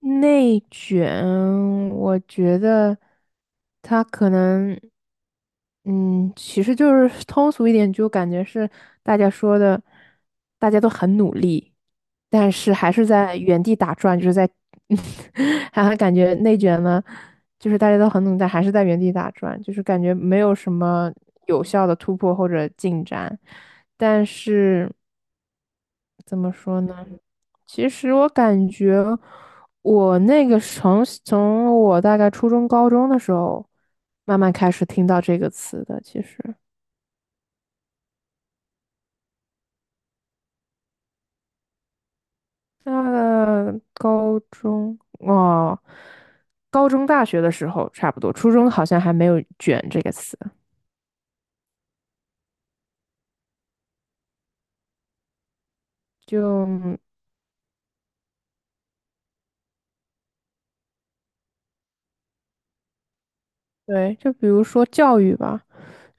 内卷，我觉得他可能，嗯，其实就是 通俗一点，就感觉是大家说的，大家都很努力，但是还是在原地打转，就是在，还感觉内卷呢，就是大家都很努力，但还是在原地打转，就是感觉没有什么有效的突破或者进展，但是。怎么说呢？其实我感觉，我那个从我大概初中、高中的时候，慢慢开始听到这个词的。其实，那个高中哦，高中、大学的时候差不多，初中好像还没有"卷"这个词。就对，就比如说教育吧，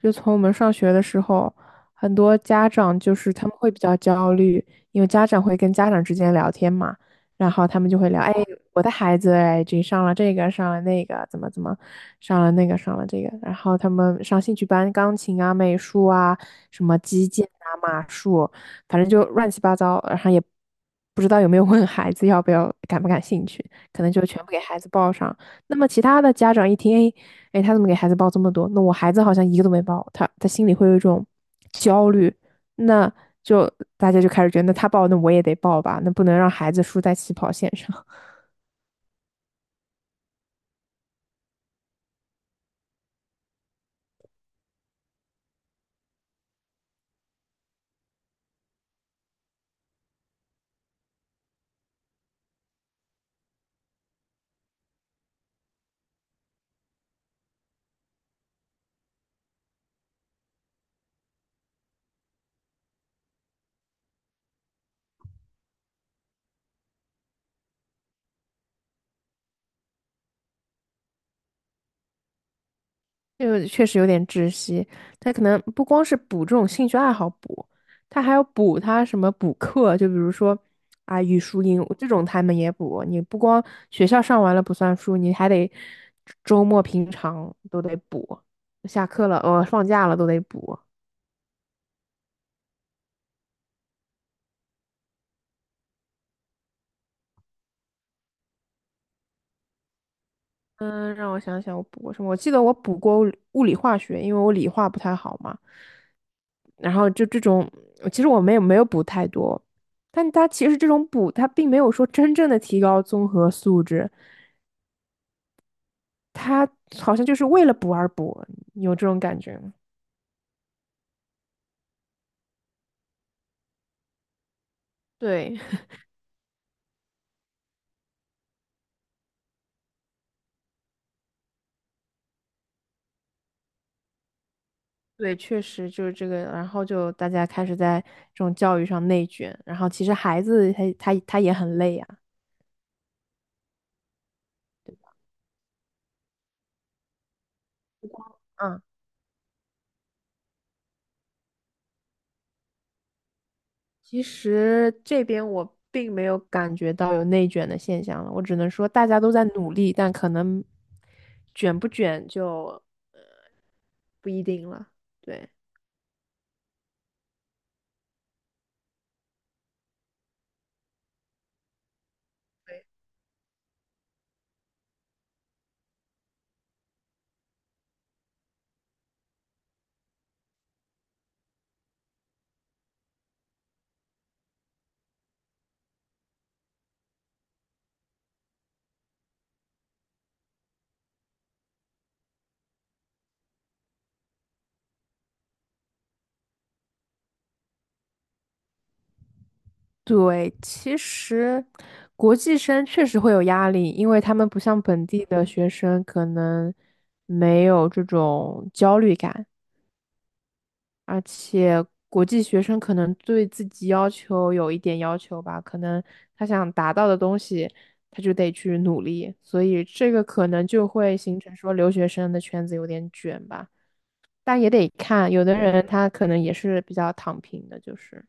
就从我们上学的时候，很多家长就是他们会比较焦虑，因为家长会跟家长之间聊天嘛，然后他们就会聊，哎，我的孩子，哎，这上了这个，上了那个，怎么怎么，上了那个，上了这个，然后他们上兴趣班，钢琴啊、美术啊、什么击剑啊、马术，反正就乱七八糟，然后也不知道有没有问孩子要不要感不感兴趣，可能就全部给孩子报上。那么其他的家长一听，哎，哎，他怎么给孩子报这么多？那我孩子好像一个都没报，他心里会有一种焦虑，那就大家就开始觉得，那他报，那我也得报吧，那不能让孩子输在起跑线上，这个确实有点窒息。他可能不光是补这种兴趣爱好补，他还要补他什么补课，就比如说啊语数英这种他们也补，你不光学校上完了不算数，你还得周末平常都得补，下课了放假了都得补。嗯，让我想想，我补过什么？我记得我补过物理化学，因为我理化不太好嘛。然后就这种，其实我没有补太多，但它其实这种补，它并没有说真正的提高综合素质，它好像就是为了补而补，你有这种感觉吗？对，对，确实就是这个，然后就大家开始在这种教育上内卷，然后其实孩子他也很累呀、其实这边我并没有感觉到有内卷的现象了，我只能说大家都在努力，但可能卷不卷就呃不一定了。对。对，其实国际生确实会有压力，因为他们不像本地的学生，可能没有这种焦虑感。而且国际学生可能对自己要求有一点要求吧，可能他想达到的东西，他就得去努力，所以这个可能就会形成说留学生的圈子有点卷吧，但也得看，有的人他可能也是比较躺平的，就是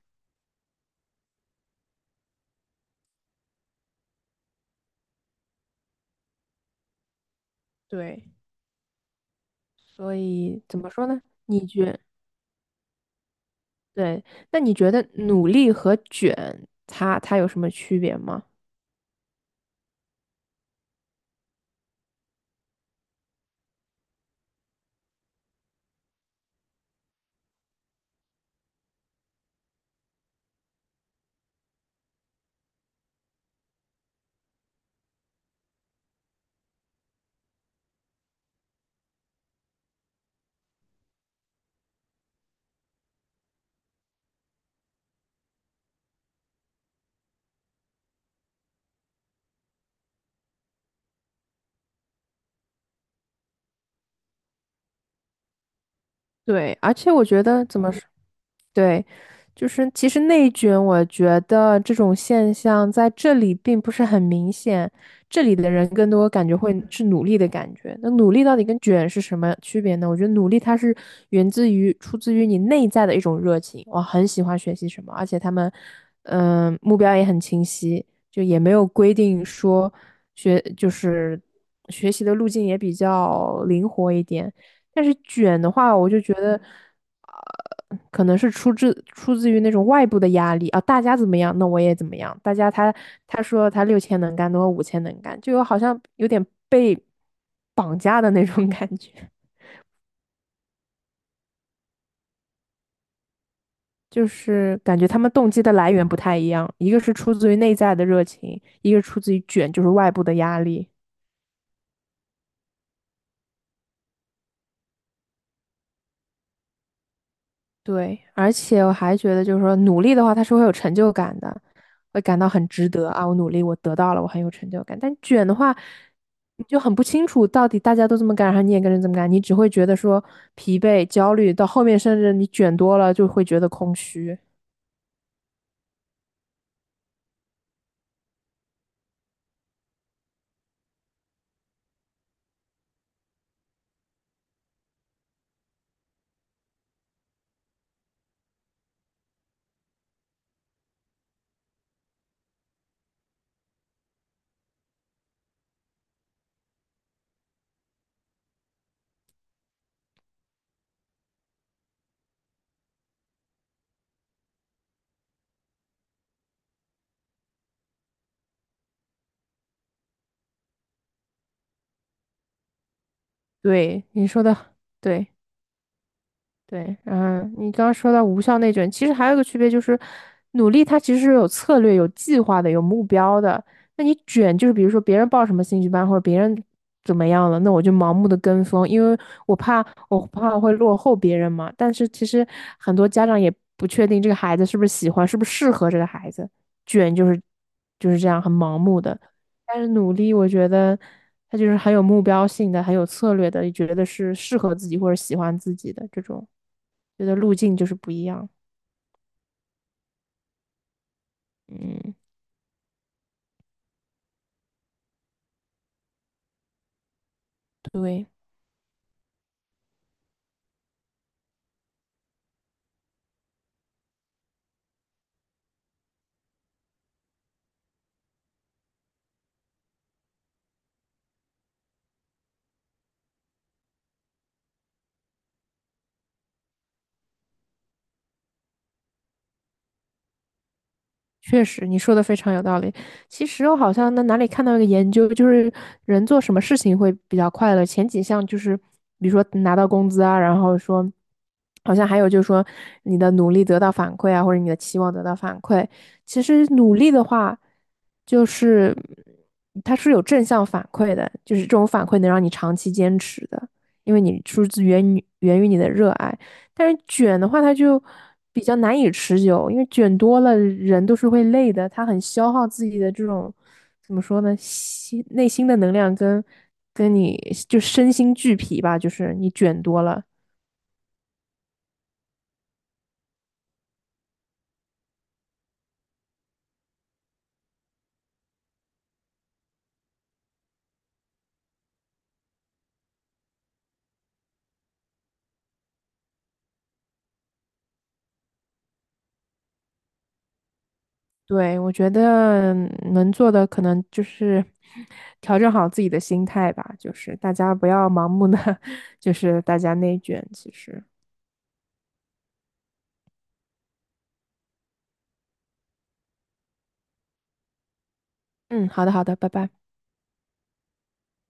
对，所以怎么说呢？你觉对，那你觉得努力和卷，它有什么区别吗？对，而且我觉得怎么说？对，就是其实内卷，我觉得这种现象在这里并不是很明显，这里的人更多感觉会是努力的感觉。那努力到底跟卷是什么区别呢？我觉得努力它是源自于出自于你内在的一种热情，我很喜欢学习什么，而且他们，目标也很清晰，就也没有规定说学就是学习的路径也比较灵活一点。但是卷的话，我就觉得，可能是出自于那种外部的压力啊，大家怎么样，那我也怎么样。大家他说他六千能干，那我五千能干，就有好像有点被绑架的那种 感觉，就是感觉他们动机的来源不太一样，一个是出自于内在的热情，一个出自于卷，就是外部的压力。对，而且我还觉得，就是说努力的话，它是会有成就感的，会感到很值得啊！我努力，我得到了，我很有成就感。但卷的话，你就很不清楚到底大家都这么干，然后你也跟着这么干，你只会觉得说疲惫、焦虑，到后面甚至你卷多了就会觉得空虚。对，你说的对。对，嗯，你刚刚说到无效内卷，其实还有一个区别就是，努力它其实是有策略、有计划的、有目标的。那你卷就是，比如说别人报什么兴趣班或者别人怎么样了，那我就盲目的跟风，因为我怕我会落后别人嘛。但是其实很多家长也不确定这个孩子是不是喜欢，是不是适合这个孩子，卷就是这样很盲目的。但是努力，我觉得它就是很有目标性的，很有策略的，也觉得是适合自己或者喜欢自己的这种，觉得路径就是不一样。嗯，对。确实，你说的非常有道理。其实我好像在哪里看到一个研究，就是人做什么事情会比较快乐，前几项就是，比如说拿到工资啊，然后说，好像还有就是说你的努力得到反馈啊，或者你的期望得到反馈。其实努力的话，就是它是有正向反馈的，就是这种反馈能让你长期坚持的，因为你源于你的热爱。但是卷的话，它就比较难以持久，因为卷多了人都是会累的，它很消耗自己的这种怎么说呢，内心的能量跟你就身心俱疲吧，就是你卷多了。对，我觉得能做的可能就是 调整好自己的心态吧，就是大家不要盲目的，就是大家内卷。其实，嗯，好的，好的，拜拜。